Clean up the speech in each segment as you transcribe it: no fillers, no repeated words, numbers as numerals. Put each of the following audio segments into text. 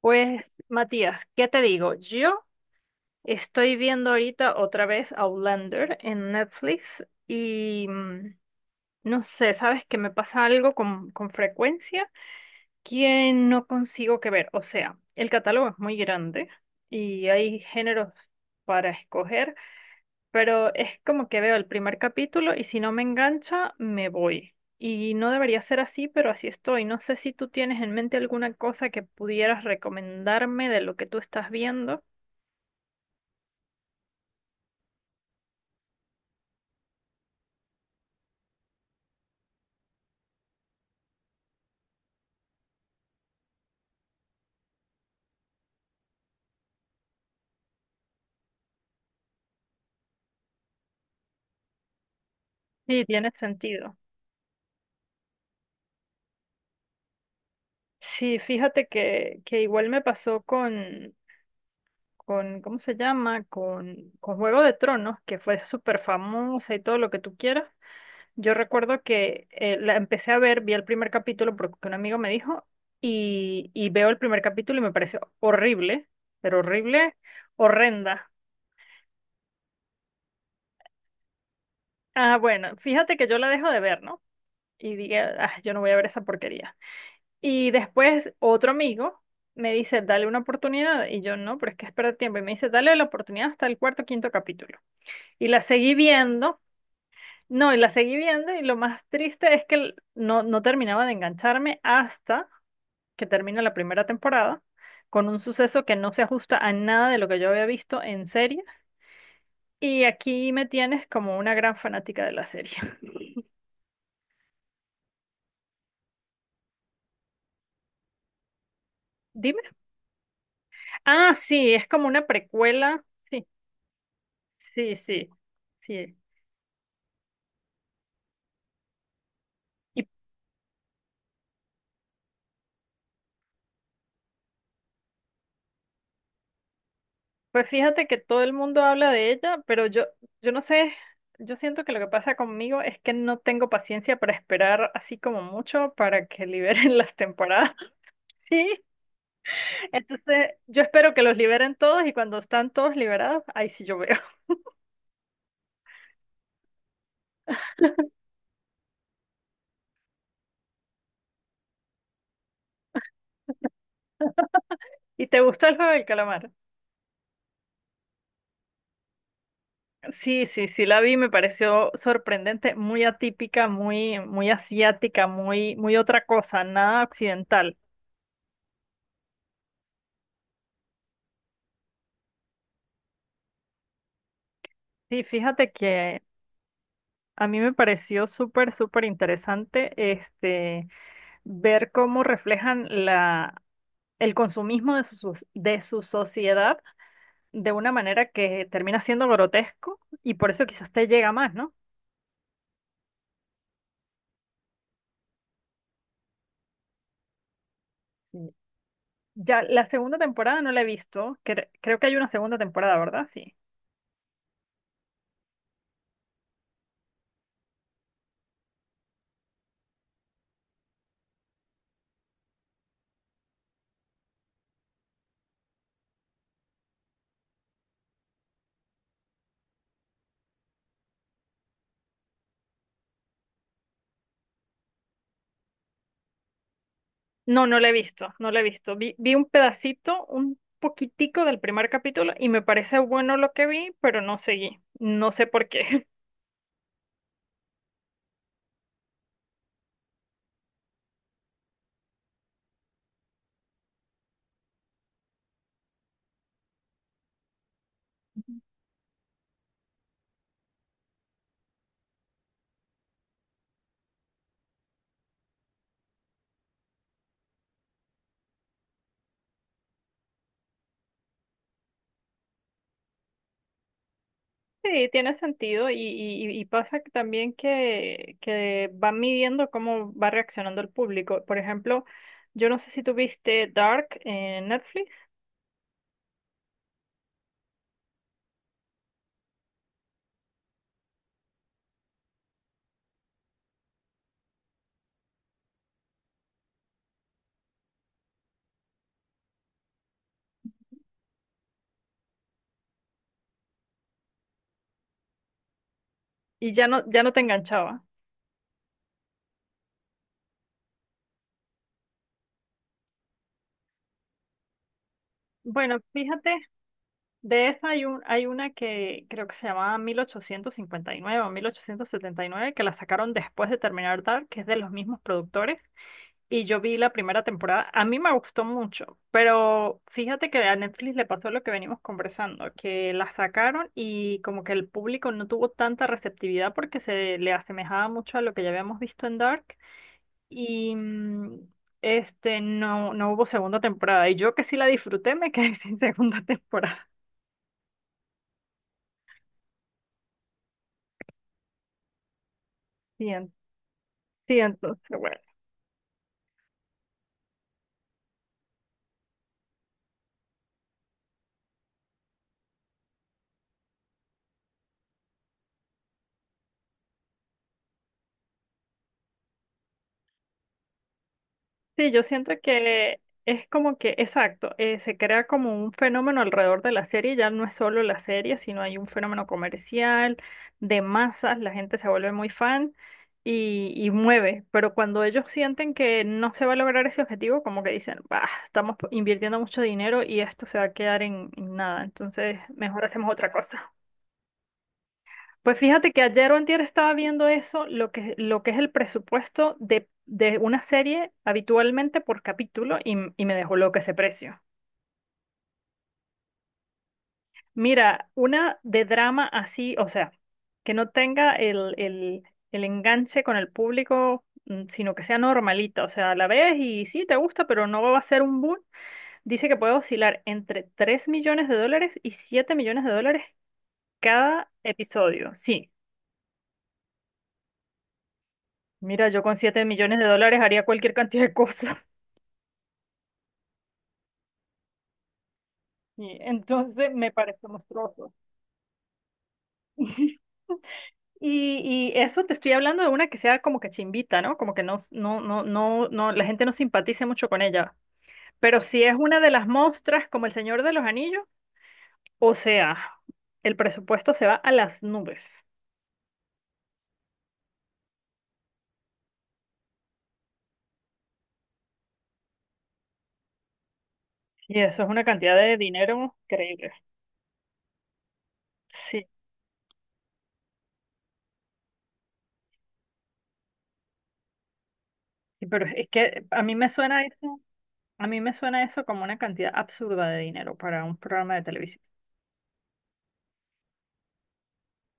Pues, Matías, ¿qué te digo? Yo estoy viendo ahorita otra vez Outlander en Netflix y no sé. ¿Sabes que me pasa algo con frecuencia que no consigo que ver? O sea, el catálogo es muy grande y hay géneros para escoger, pero es como que veo el primer capítulo y si no me engancha, me voy. Y no debería ser así, pero así estoy. No sé si tú tienes en mente alguna cosa que pudieras recomendarme de lo que tú estás viendo. Sí, tiene sentido. Sí, fíjate que igual me pasó ¿cómo se llama? Con Juego de Tronos, que fue súper famosa y todo lo que tú quieras. Yo recuerdo que la empecé a ver, vi el primer capítulo porque un amigo me dijo y veo el primer capítulo y me pareció horrible, pero horrible, horrenda. Ah, bueno, fíjate que yo la dejo de ver, ¿no? Y dije, ah, yo no voy a ver esa porquería. Y después otro amigo me dice, dale una oportunidad. Y yo, no, pero es que espera tiempo. Y me dice, dale la oportunidad hasta el cuarto o quinto capítulo. Y la seguí viendo. No, y la seguí viendo y lo más triste es que no terminaba de engancharme hasta que termina la primera temporada con un suceso que no se ajusta a nada de lo que yo había visto en serie. Y aquí me tienes como una gran fanática de la serie. Dime. Ah, sí, es como una precuela. Sí, sí, sí, sí. Y pues fíjate que todo el mundo habla de ella, pero yo no sé, yo siento que lo que pasa conmigo es que no tengo paciencia para esperar así como mucho para que liberen las temporadas. Sí. Entonces, yo espero que los liberen todos y cuando están todos liberados, ahí sí yo veo. ¿Y te gustó el juego del calamar? Sí, sí, sí, la vi, me pareció sorprendente, muy atípica, muy, muy asiática, muy, muy otra cosa, nada occidental. Sí, fíjate que a mí me pareció súper, súper interesante este ver cómo reflejan la, el consumismo de de su sociedad de una manera que termina siendo grotesco y por eso quizás te llega más, ¿no? Ya la segunda temporada no la he visto. Creo que hay una segunda temporada, ¿verdad? Sí. No, no la he visto, no la he visto. Vi un pedacito, un poquitico del primer capítulo y me parece bueno lo que vi, pero no seguí. No sé por qué. Sí, tiene sentido y pasa que también que van midiendo cómo va reaccionando el público. Por ejemplo, yo no sé si tú viste Dark en Netflix y ya no, ya no te enganchaba. Bueno, fíjate. De esa hay, hay una que creo que se llamaba 1859 o 1879 que la sacaron después de terminar Dark, que es de los mismos productores. Y yo vi la primera temporada. A mí me gustó mucho, pero fíjate que a Netflix le pasó lo que venimos conversando, que la sacaron y como que el público no tuvo tanta receptividad porque se le asemejaba mucho a lo que ya habíamos visto en Dark. Y no, no hubo segunda temporada. Y yo que sí la disfruté, me quedé sin segunda temporada. Sí. Sí, entonces, bueno. Sí, yo siento que es como que, exacto, se crea como un fenómeno alrededor de la serie, ya no es solo la serie, sino hay un fenómeno comercial, de masas, la gente se vuelve muy fan y mueve, pero cuando ellos sienten que no se va a lograr ese objetivo, como que dicen, bah, estamos invirtiendo mucho dinero y esto se va a quedar en nada, entonces mejor hacemos otra cosa. Pues fíjate que ayer o antier estaba viendo eso, lo que es el presupuesto de una serie habitualmente por capítulo y, y me dejó loco ese precio. Mira, una de drama así, o sea, que no tenga el enganche con el público, mm, sino que sea normalita, o sea, la ves y sí, te gusta, pero no va a ser un boom. Dice que puede oscilar entre $3 millones y $7 millones cada episodio. Sí. Mira, yo con $7 millones haría cualquier cantidad de cosas. Y entonces me parece monstruoso. Y, y eso te estoy hablando de una que sea como que chimbita, ¿no? Como que no, no, no, no, no, la gente no simpatice mucho con ella. Pero si es una de las monstras como El Señor de los Anillos, o sea, el presupuesto se va a las nubes. Y eso es una cantidad de dinero increíble. Sí, sí, pero es que a mí me suena eso, a mí me suena eso como una cantidad absurda de dinero para un programa de televisión.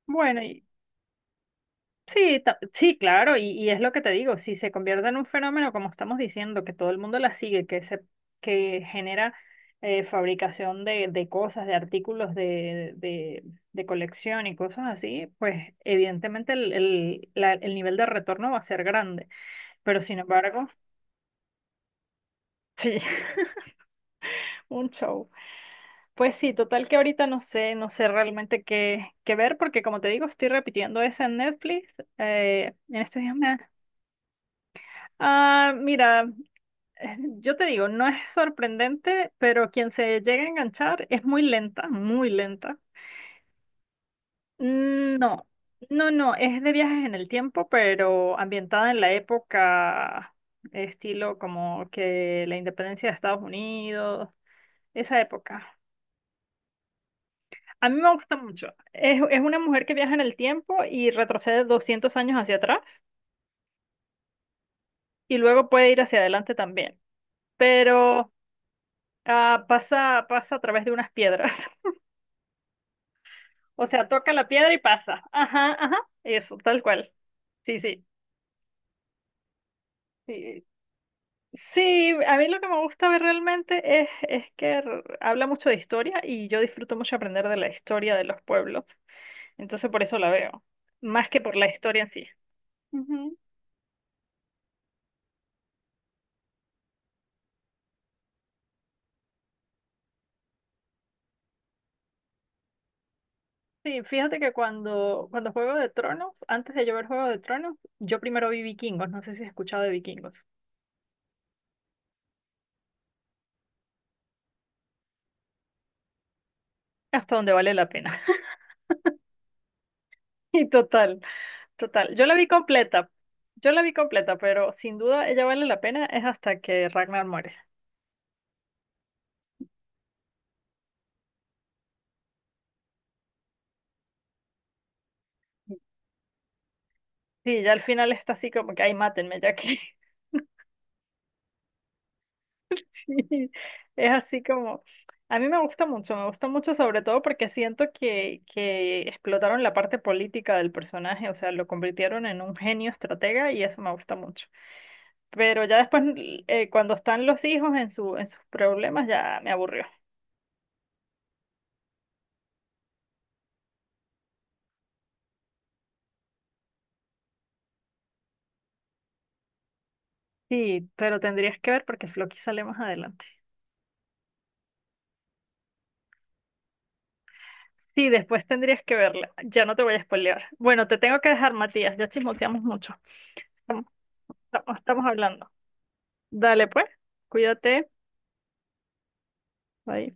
Bueno, y sí, claro, y es lo que te digo, si se convierte en un fenómeno, como estamos diciendo, que todo el mundo la sigue, que se, que genera fabricación de cosas, de artículos de colección y cosas así, pues evidentemente el nivel de retorno va a ser grande, pero sin embargo, sí, un show. Pues sí, total que ahorita no sé, no sé realmente qué, qué ver, porque como te digo, estoy repitiendo esa en Netflix, en estos días me... Ah, mira. Yo te digo, no es sorprendente, pero quien se llega a enganchar es muy lenta, muy lenta. Mm, no, no, no, es de viajes en el tiempo, pero ambientada en la época, estilo como que la independencia de Estados Unidos, esa época. A mí me gusta mucho. Es una mujer que viaja en el tiempo y retrocede 200 años hacia atrás y luego puede ir hacia adelante también, pero pasa a través de unas piedras. O sea, toca la piedra y pasa. Ajá, ajá, eso, tal cual. Sí, sí, sí. Sí, a mí lo que me gusta ver realmente es que habla mucho de historia y yo disfruto mucho aprender de la historia de los pueblos. Entonces por eso la veo, más que por la historia en sí. Ujú. Sí, fíjate que cuando Juego de Tronos, antes de yo ver Juego de Tronos, yo primero vi Vikingos, no sé si has escuchado de Vikingos, hasta donde vale la pena. Y total. Total, yo la vi completa, yo la vi completa, pero sin duda ella vale la pena es hasta que Ragnar muere. Sí, ya al final está así como que, ay, mátenme, ya que sí, es así como, a mí me gusta mucho sobre todo porque siento que explotaron la parte política del personaje, o sea, lo convirtieron en un genio estratega y eso me gusta mucho. Pero ya después, cuando están los hijos en en sus problemas, ya me aburrió. Sí, pero tendrías que ver porque Floki sale más adelante. Sí, después tendrías que verla. Ya no te voy a spoilear. Bueno, te tengo que dejar, Matías. Ya chismoteamos mucho. Estamos, estamos hablando. Dale, pues. Cuídate. Bye.